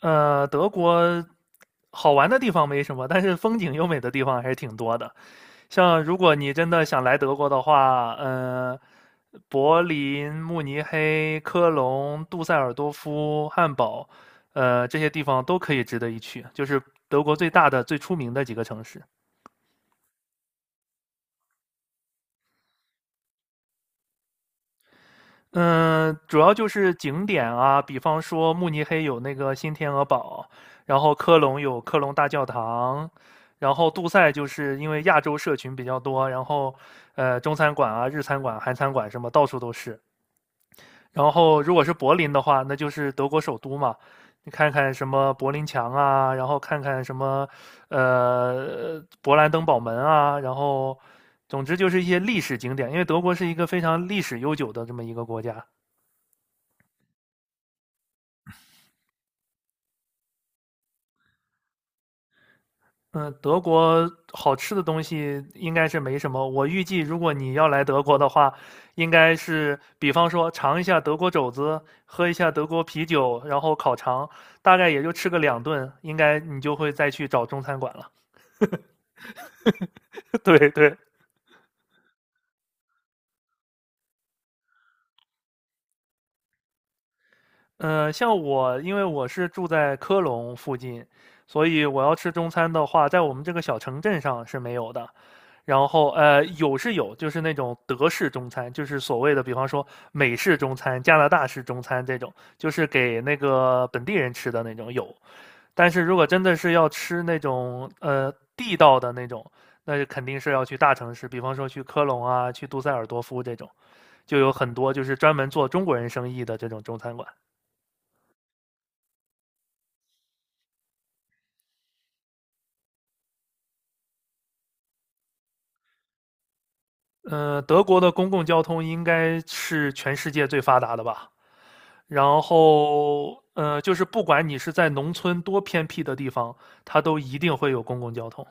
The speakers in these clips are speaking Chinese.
德国好玩的地方没什么，但是风景优美的地方还是挺多的。像如果你真的想来德国的话，柏林、慕尼黑、科隆、杜塞尔多夫、汉堡，这些地方都可以值得一去，就是德国最大的、最出名的几个城市。嗯，主要就是景点啊，比方说慕尼黑有那个新天鹅堡，然后科隆有科隆大教堂，然后杜塞就是因为亚洲社群比较多，然后中餐馆啊、日餐馆、韩餐馆什么到处都是。然后如果是柏林的话，那就是德国首都嘛，你看看什么柏林墙啊，然后看看什么勃兰登堡门啊，然后总之就是一些历史景点，因为德国是一个非常历史悠久的这么一个国家。嗯，德国好吃的东西应该是没什么。我预计，如果你要来德国的话，应该是比方说尝一下德国肘子，喝一下德国啤酒，然后烤肠，大概也就吃个2顿，应该你就会再去找中餐馆了。对对，像我，因为我是住在科隆附近，所以我要吃中餐的话，在我们这个小城镇上是没有的。然后，有是有，就是那种德式中餐，就是所谓的，比方说美式中餐、加拿大式中餐这种，就是给那个本地人吃的那种有。但是如果真的是要吃那种地道的那种，那就肯定是要去大城市，比方说去科隆啊、去杜塞尔多夫这种，就有很多就是专门做中国人生意的这种中餐馆。德国的公共交通应该是全世界最发达的吧？然后，就是不管你是在农村多偏僻的地方，它都一定会有公共交通。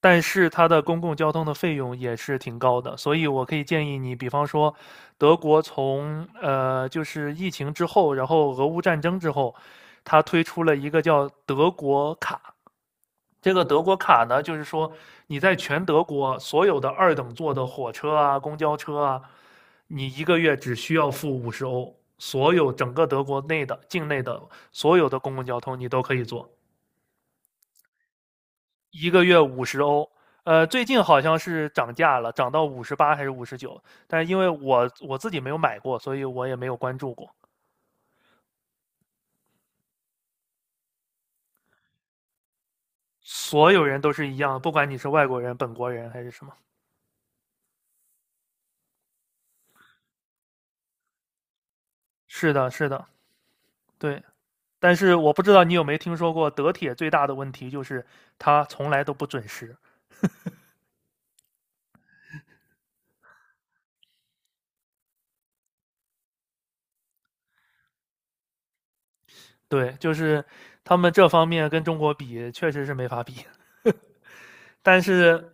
但是它的公共交通的费用也是挺高的，所以我可以建议你，比方说，德国从就是疫情之后，然后俄乌战争之后，它推出了一个叫德国卡，这个德国卡呢，就是说你在全德国所有的二等座的火车啊、公交车啊，你一个月只需要付五十欧，所有整个德国内的境内的所有的公共交通你都可以坐，一个月五十欧。最近好像是涨价了，涨到58还是59，但是因为我自己没有买过，所以我也没有关注过。所有人都是一样，不管你是外国人、本国人还是什么。是的，是的，对。但是我不知道你有没有听说过，德铁最大的问题就是它从来都不准时。对，就是他们这方面跟中国比，确实是没法比。但是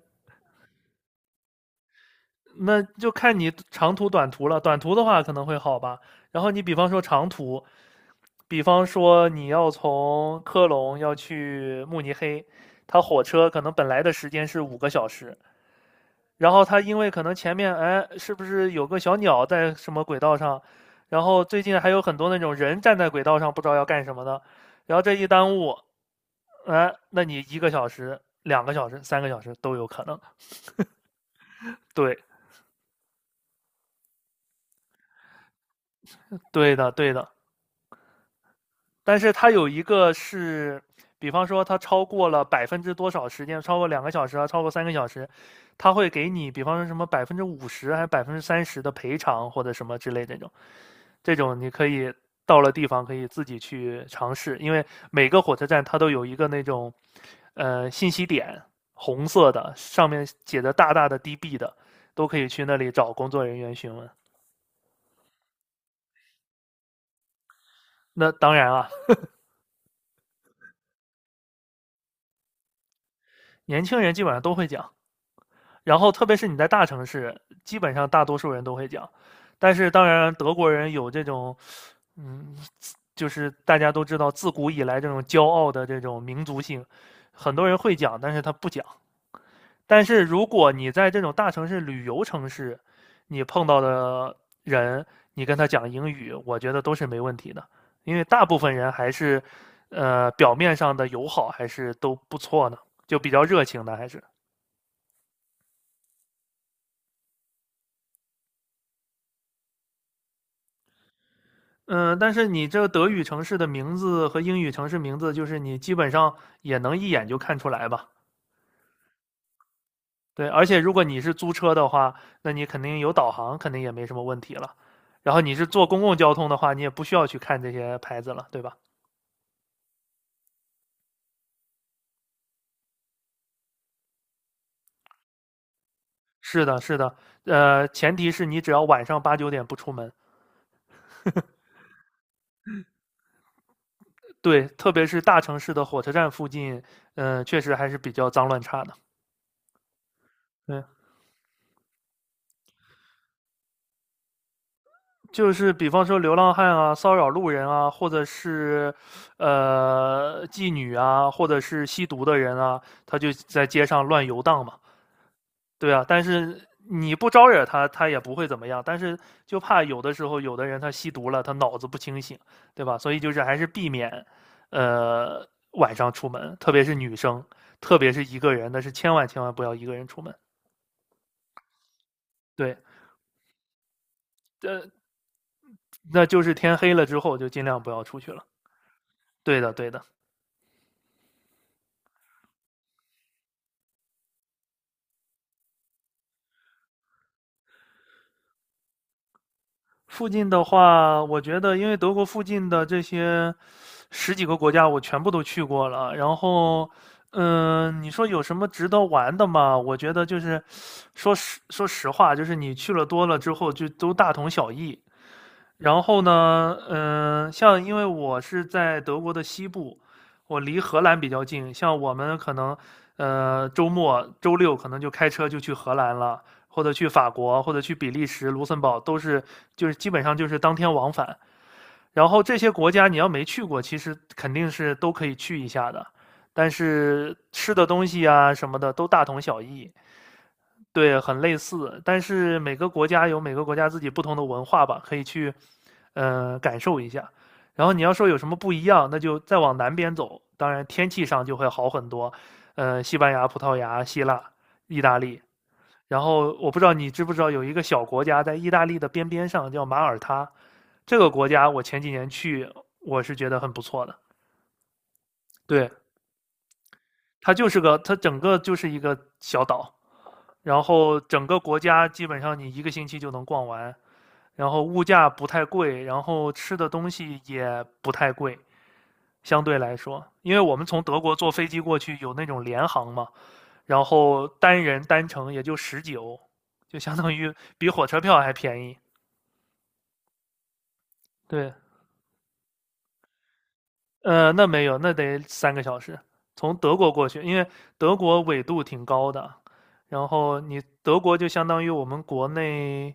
那就看你长途、短途了。短途的话可能会好吧。然后你比方说长途，比方说你要从科隆要去慕尼黑，它火车可能本来的时间是5个小时，然后他因为可能前面哎，是不是有个小鸟在什么轨道上？然后最近还有很多那种人站在轨道上不知道要干什么的，然后这一耽误，哎，那你1个小时、两个小时、三个小时都有可能。对，对的，对的。但是它有一个是，比方说它超过了百分之多少时间，超过两个小时啊，超过三个小时，它会给你，比方说什么50%还是30%的赔偿或者什么之类的那种。这种你可以到了地方可以自己去尝试，因为每个火车站它都有一个那种信息点，红色的上面写着大大的 DB 的，都可以去那里找工作人员询问。那当然啊，年轻人基本上都会讲，然后特别是你在大城市，基本上大多数人都会讲。但是当然，德国人有这种，嗯，就是大家都知道，自古以来这种骄傲的这种民族性，很多人会讲，但是他不讲。但是如果你在这种大城市、旅游城市，你碰到的人，你跟他讲英语，我觉得都是没问题的，因为大部分人还是，表面上的友好还是都不错呢，就比较热情的还是。嗯，但是你这德语城市的名字和英语城市名字，就是你基本上也能一眼就看出来吧？对，而且如果你是租车的话，那你肯定有导航，肯定也没什么问题了。然后你是坐公共交通的话，你也不需要去看这些牌子了，对吧？是的，是的，前提是你只要晚上八九点不出门。对，特别是大城市的火车站附近，确实还是比较脏乱差的。对，就是比方说流浪汉啊、骚扰路人啊，或者是妓女啊，或者是吸毒的人啊，他就在街上乱游荡嘛。对啊，但是你不招惹他，他也不会怎么样。但是就怕有的时候，有的人他吸毒了，他脑子不清醒，对吧？所以就是还是避免，呃，晚上出门，特别是女生，特别是一个人，那是千万千万不要一个人出门。对，呃，那就是天黑了之后就尽量不要出去了。对的，对的。附近的话，我觉得因为德国附近的这些十几个国家我全部都去过了，然后，你说有什么值得玩的吗？我觉得就是，说实话，就是你去了多了之后就都大同小异，然后呢，像因为我是在德国的西部，我离荷兰比较近，像我们可能，周末周六可能就开车就去荷兰了，或者去法国，或者去比利时、卢森堡，都是就是基本上就是当天往返。然后这些国家你要没去过，其实肯定是都可以去一下的，但是吃的东西啊什么的都大同小异。对，很类似，但是每个国家有每个国家自己不同的文化吧，可以去，感受一下。然后你要说有什么不一样，那就再往南边走，当然天气上就会好很多。西班牙、葡萄牙、希腊、意大利。然后我不知道你知不知道，有一个小国家在意大利的边边上叫马耳他，这个国家我前几年去，我是觉得很不错的。对，它就是个，它整个就是一个小岛，然后整个国家基本上你一个星期就能逛完。然后物价不太贵，然后吃的东西也不太贵，相对来说，因为我们从德国坐飞机过去有那种联航嘛，然后单人单程也就十九，就相当于比火车票还便宜。对，那没有，那得三个小时从德国过去，因为德国纬度挺高的，然后你德国就相当于我们国内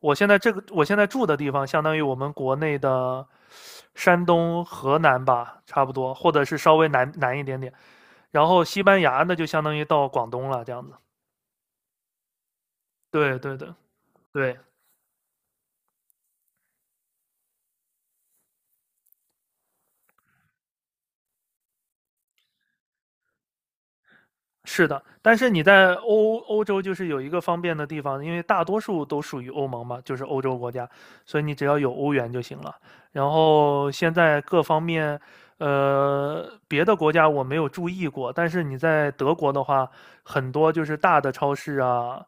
我现在住的地方，相当于我们国内的山东、河南吧，差不多，或者是稍微南一点点。然后西班牙那就相当于到广东了，这样子。对对对对，是的，但是你在欧洲就是有一个方便的地方，因为大多数都属于欧盟嘛，就是欧洲国家，所以你只要有欧元就行了。然后现在各方面，别的国家我没有注意过，但是你在德国的话，很多就是大的超市啊，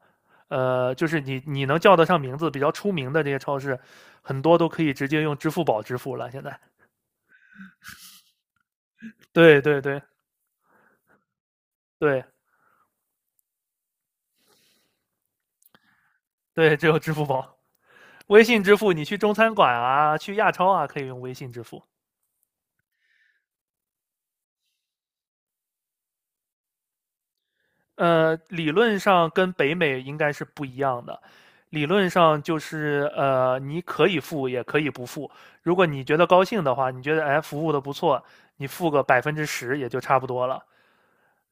就是你能叫得上名字比较出名的这些超市，很多都可以直接用支付宝支付了。现在，对对对对对，只有支付宝。微信支付，你去中餐馆啊，去亚超啊，可以用微信支付。理论上跟北美应该是不一样的。理论上就是你可以付，也可以不付。如果你觉得高兴的话，你觉得哎服务的不错，你付个百分之十也就差不多了。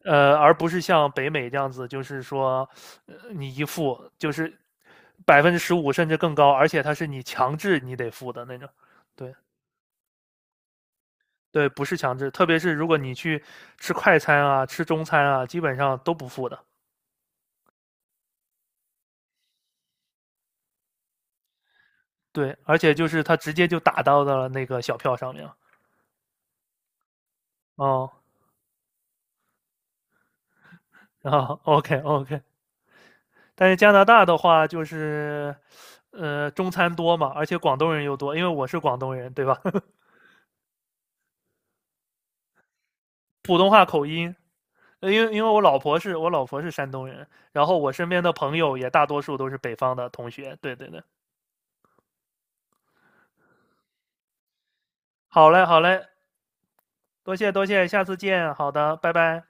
而不是像北美这样子，就是说你一付就是15%甚至更高，而且它是你强制你得付的那种。对，对，不是强制，特别是如果你去吃快餐啊、吃中餐啊，基本上都不付的。对，而且就是它直接就打到了那个小票上面了。哦，后 OK。但是加拿大的话，就是中餐多嘛，而且广东人又多，因为我是广东人，对吧？普通话口音，因为我老婆是山东人，然后我身边的朋友也大多数都是北方的同学。对对对，好嘞好嘞，多谢多谢，下次见。好的，拜拜。